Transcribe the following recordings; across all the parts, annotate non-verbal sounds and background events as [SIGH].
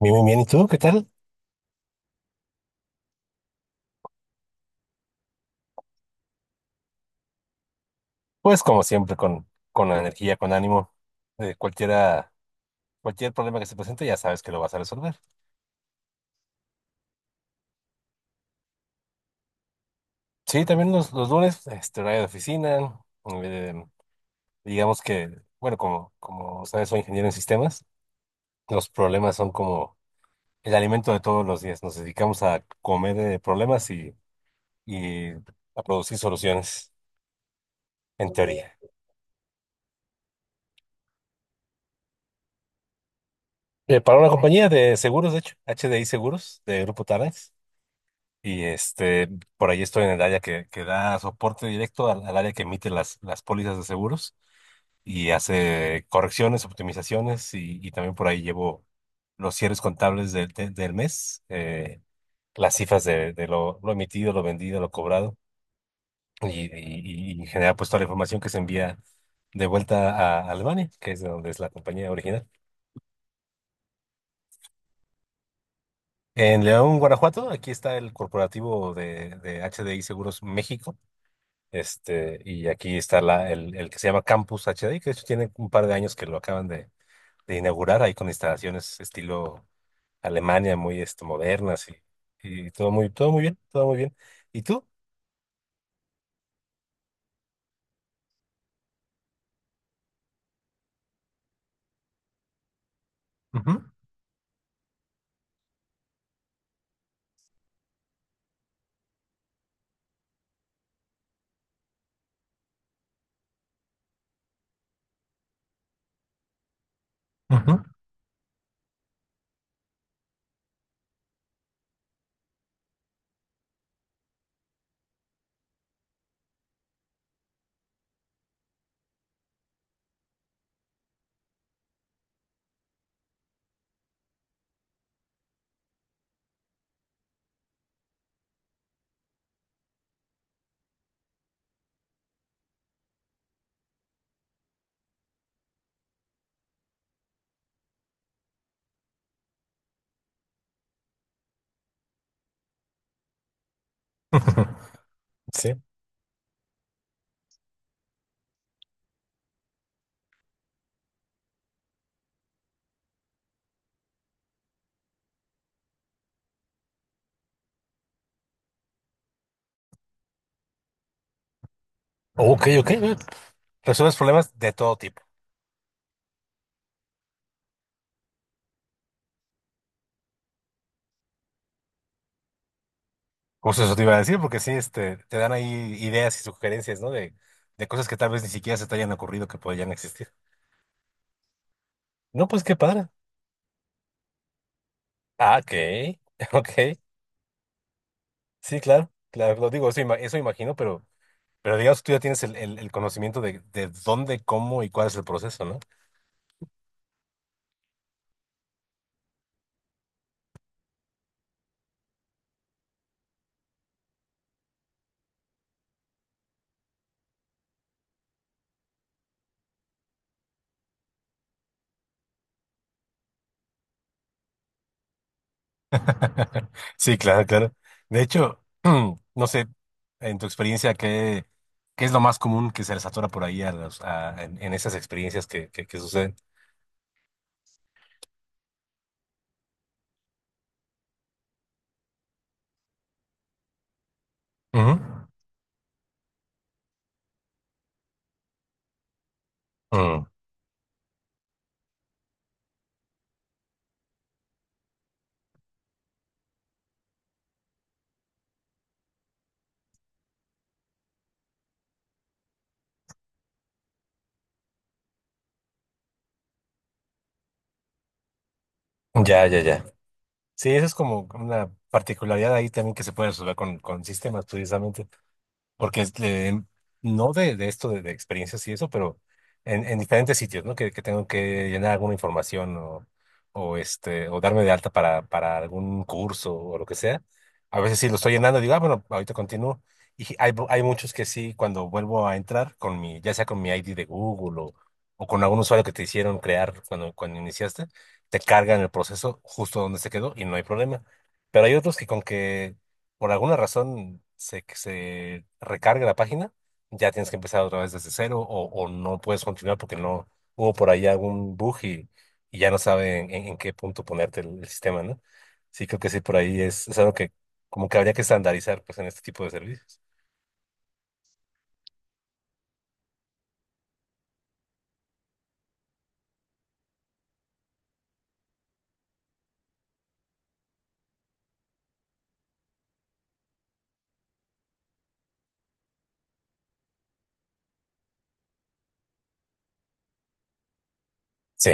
Bien, bien, bien. ¿Y tú qué tal? Pues como siempre, con la energía, con ánimo. Eh, cualquiera, cualquier problema que se presente, ya sabes que lo vas a resolver. Sí, también los lunes, este, horario de oficina. eh, digamos que, bueno, como, como sabes, soy ingeniero en sistemas. Los problemas son como el alimento de todos los días. Nos dedicamos a comer problemas y a producir soluciones, en teoría. Para una compañía de seguros, de hecho, H D I Seguros, de Grupo Tarrant. Y este, por ahí estoy en el área que da soporte directo al área que emite las pólizas de seguros y hace correcciones, optimizaciones y también por ahí llevo los cierres contables del mes, las cifras de, lo emitido, lo vendido, lo cobrado y genera pues toda la información que se envía de vuelta a Albania, que es de donde es la compañía original. En León, Guanajuato, aquí está el corporativo de H D I Seguros México. Este, y aquí está el que se llama Campus H D, que de hecho tiene un par de años que lo acaban de inaugurar ahí con instalaciones estilo Alemania, muy este, modernas y todo muy bien, todo muy bien. ¿Y tú? Ujú, ujú. [LAUGHS] Sí. Ok, ok. Eh. Resuelves problemas de todo tipo. Justo eso te iba a decir, porque sí, este, te dan ahí ideas y sugerencias, ¿no? De cosas que tal vez ni siquiera se te hayan ocurrido que podrían existir. No, pues qué padre. Ah, ok, [LAUGHS] ok. Sí, claro, claro, lo digo, eso, eso imagino, pero digamos, que tú ya tienes el conocimiento de dónde, cómo y cuál es el proceso, ¿no? [LAUGHS] Sí, claro, claro. De hecho, [CLEARS THROAT] no sé, en tu experiencia, ¿qué, qué es lo más común que se les atora por ahí en esas experiencias que suceden? Ujú. Mm, ya, ya, ya. Sí, eso es como una particularidad ahí también que se puede resolver con sistemas, precisamente. porque es de- no de, de esto de experiencias y eso, pero en diferentes sitios, ¿no? Que tengo que llenar alguna información o este, o darme de alta para algún curso o lo que sea. A veces sí lo estoy llenando y digo, ah, bueno, ahorita continúo. Y hay muchos que sí, cuando vuelvo a entrar con mi, ya sea con mi ID de Google o con algún usuario que te hicieron crear cuando, cuando iniciaste, te cargan el proceso justo donde se quedó y no hay problema. Pero hay otros que con que por alguna razón se recarga la página, ya tienes que empezar otra vez desde cero o no puedes continuar porque no hubo por ahí algún bug y ya no sabe en qué punto ponerte el sistema, ¿no? Sí, creo que sí, por ahí es algo que como que habría que estandarizar pues en este tipo de servicios. Sí.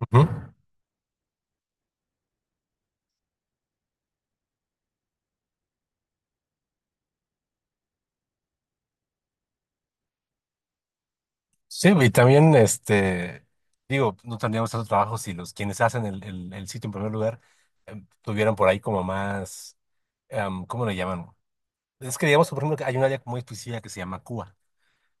Ujú. Sí, y también, este, digo, no tendríamos tanto trabajo si los quienes hacen el sitio en primer lugar tuvieran por ahí como más, ¿cómo le llaman? Es que digamos, por ejemplo, que hay una área muy específica que se llama Cuba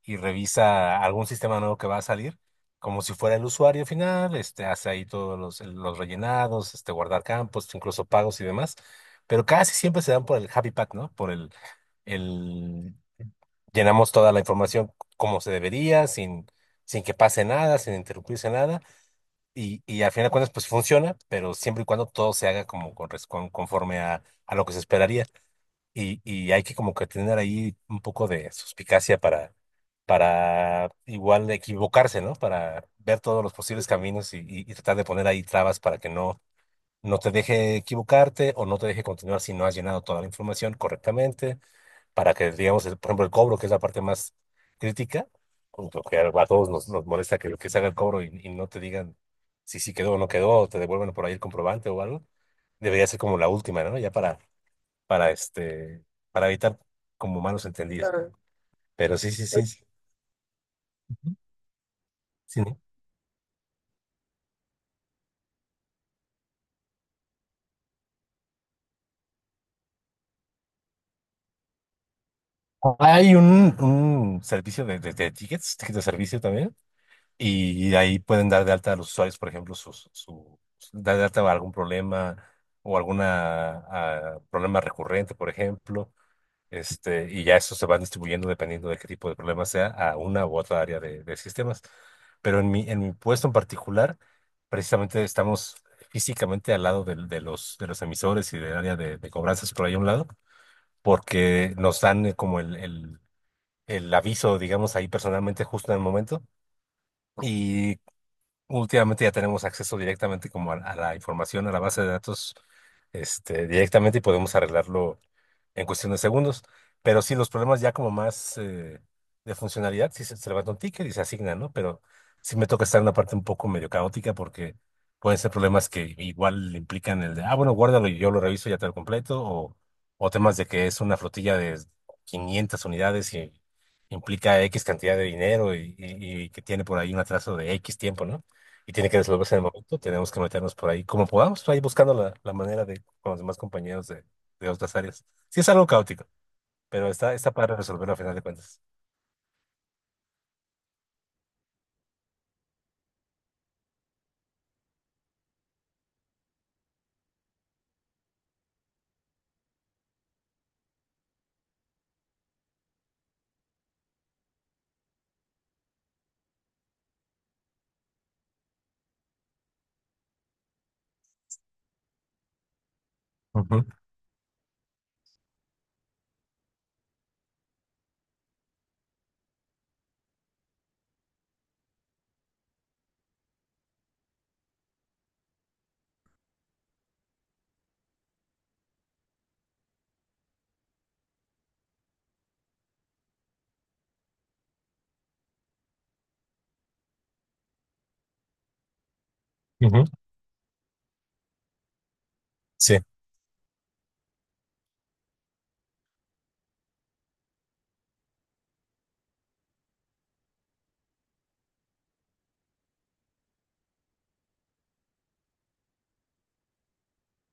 y revisa algún sistema nuevo que va a salir, como si fuera el usuario final, este, hace ahí los rellenados, este, guardar campos, incluso pagos y demás, pero casi siempre se dan por el happy path, ¿no? Por el Llenamos toda la información como se debería, sin, sin que pase nada, sin interrumpirse nada, y al final de cuentas, pues funciona, pero siempre y cuando todo se haga como conforme a lo que se esperaría y hay que como que tener ahí un poco de suspicacia para igual equivocarse, ¿no? Para ver todos los posibles caminos y, y tratar de poner ahí trabas para que no, no te deje equivocarte o no te deje continuar si no has llenado toda la información correctamente, para que, digamos, por ejemplo, el cobro, que es la parte más crítica, como que a todos nos, nos molesta que se haga el cobro y no te digan si sí quedó o no quedó, o te devuelven por ahí el comprobante o algo, debería ser como la última, ¿no? Ya para este, para evitar como malos entendidos. Claro. Pero sí, sí, sí, eh, sí. Sí, ¿no? Hay un servicio de tickets, tickets de servicio también, y ahí pueden dar de alta a los usuarios, por ejemplo, dar de alta algún problema o alguna problema recurrente, por ejemplo. Este, y ya eso se van distribuyendo dependiendo de qué tipo de problema sea a una u otra área de sistemas. Pero en mi puesto en particular, precisamente estamos físicamente al lado de los emisores y del área de cobranzas por ahí a un lado, porque nos dan como el aviso, digamos, ahí personalmente justo en el momento. Y últimamente ya tenemos acceso directamente como a la información, a la base de datos, este, directamente y podemos arreglarlo en cuestión de segundos. Pero sí, los problemas ya como más de funcionalidad, sí se levanta un ticket y se asigna, ¿no? Pero sí me toca estar en una parte un poco medio caótica porque pueden ser problemas que igual implican el de, ah, bueno, guárdalo y yo lo reviso y ya te lo completo, o temas de que es una flotilla de 500 unidades y implica X cantidad de dinero y, y que tiene por ahí un atraso de X tiempo, ¿no? Y tiene que resolverse en el momento, tenemos que meternos por ahí como podamos, ahí buscando la manera de con los demás compañeros de otras áreas. Sí, es algo caótico, pero está, está para resolverlo a final de cuentas. Ujú, ujú. Sí,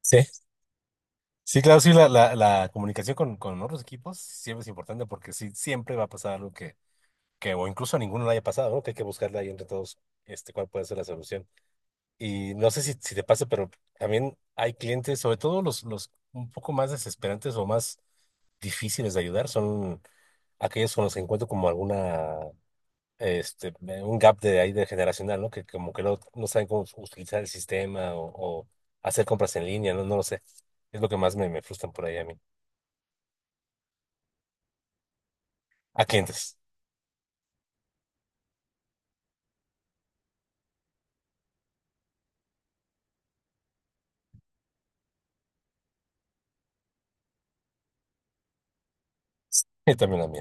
sí. Sí, claro, sí, la comunicación con otros equipos siempre es importante porque sí, siempre va a pasar algo que o incluso a ninguno le haya pasado, ¿no? Que hay que buscarle ahí entre todos este, cuál puede ser la solución. Y no sé si, si te pasa, pero también hay clientes, sobre todo los un poco más desesperantes o más difíciles de ayudar, son aquellos con los que encuentro como alguna este, un gap de ahí de generacional, ¿no? Que como que no, no saben cómo utilizar el sistema o hacer compras en línea, ¿no? No lo sé. Es lo que más me, me frustran por ahí a mí. A clientes. [LAUGHS] Y también a mí.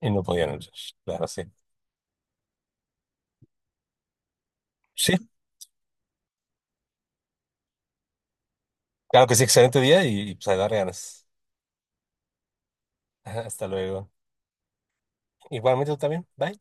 Y no podían entrar. Claro, sí. Sí, claro que sí, excelente día y pues a dar ganas. [LAUGHS] Hasta luego. Igualmente tú también. Bye.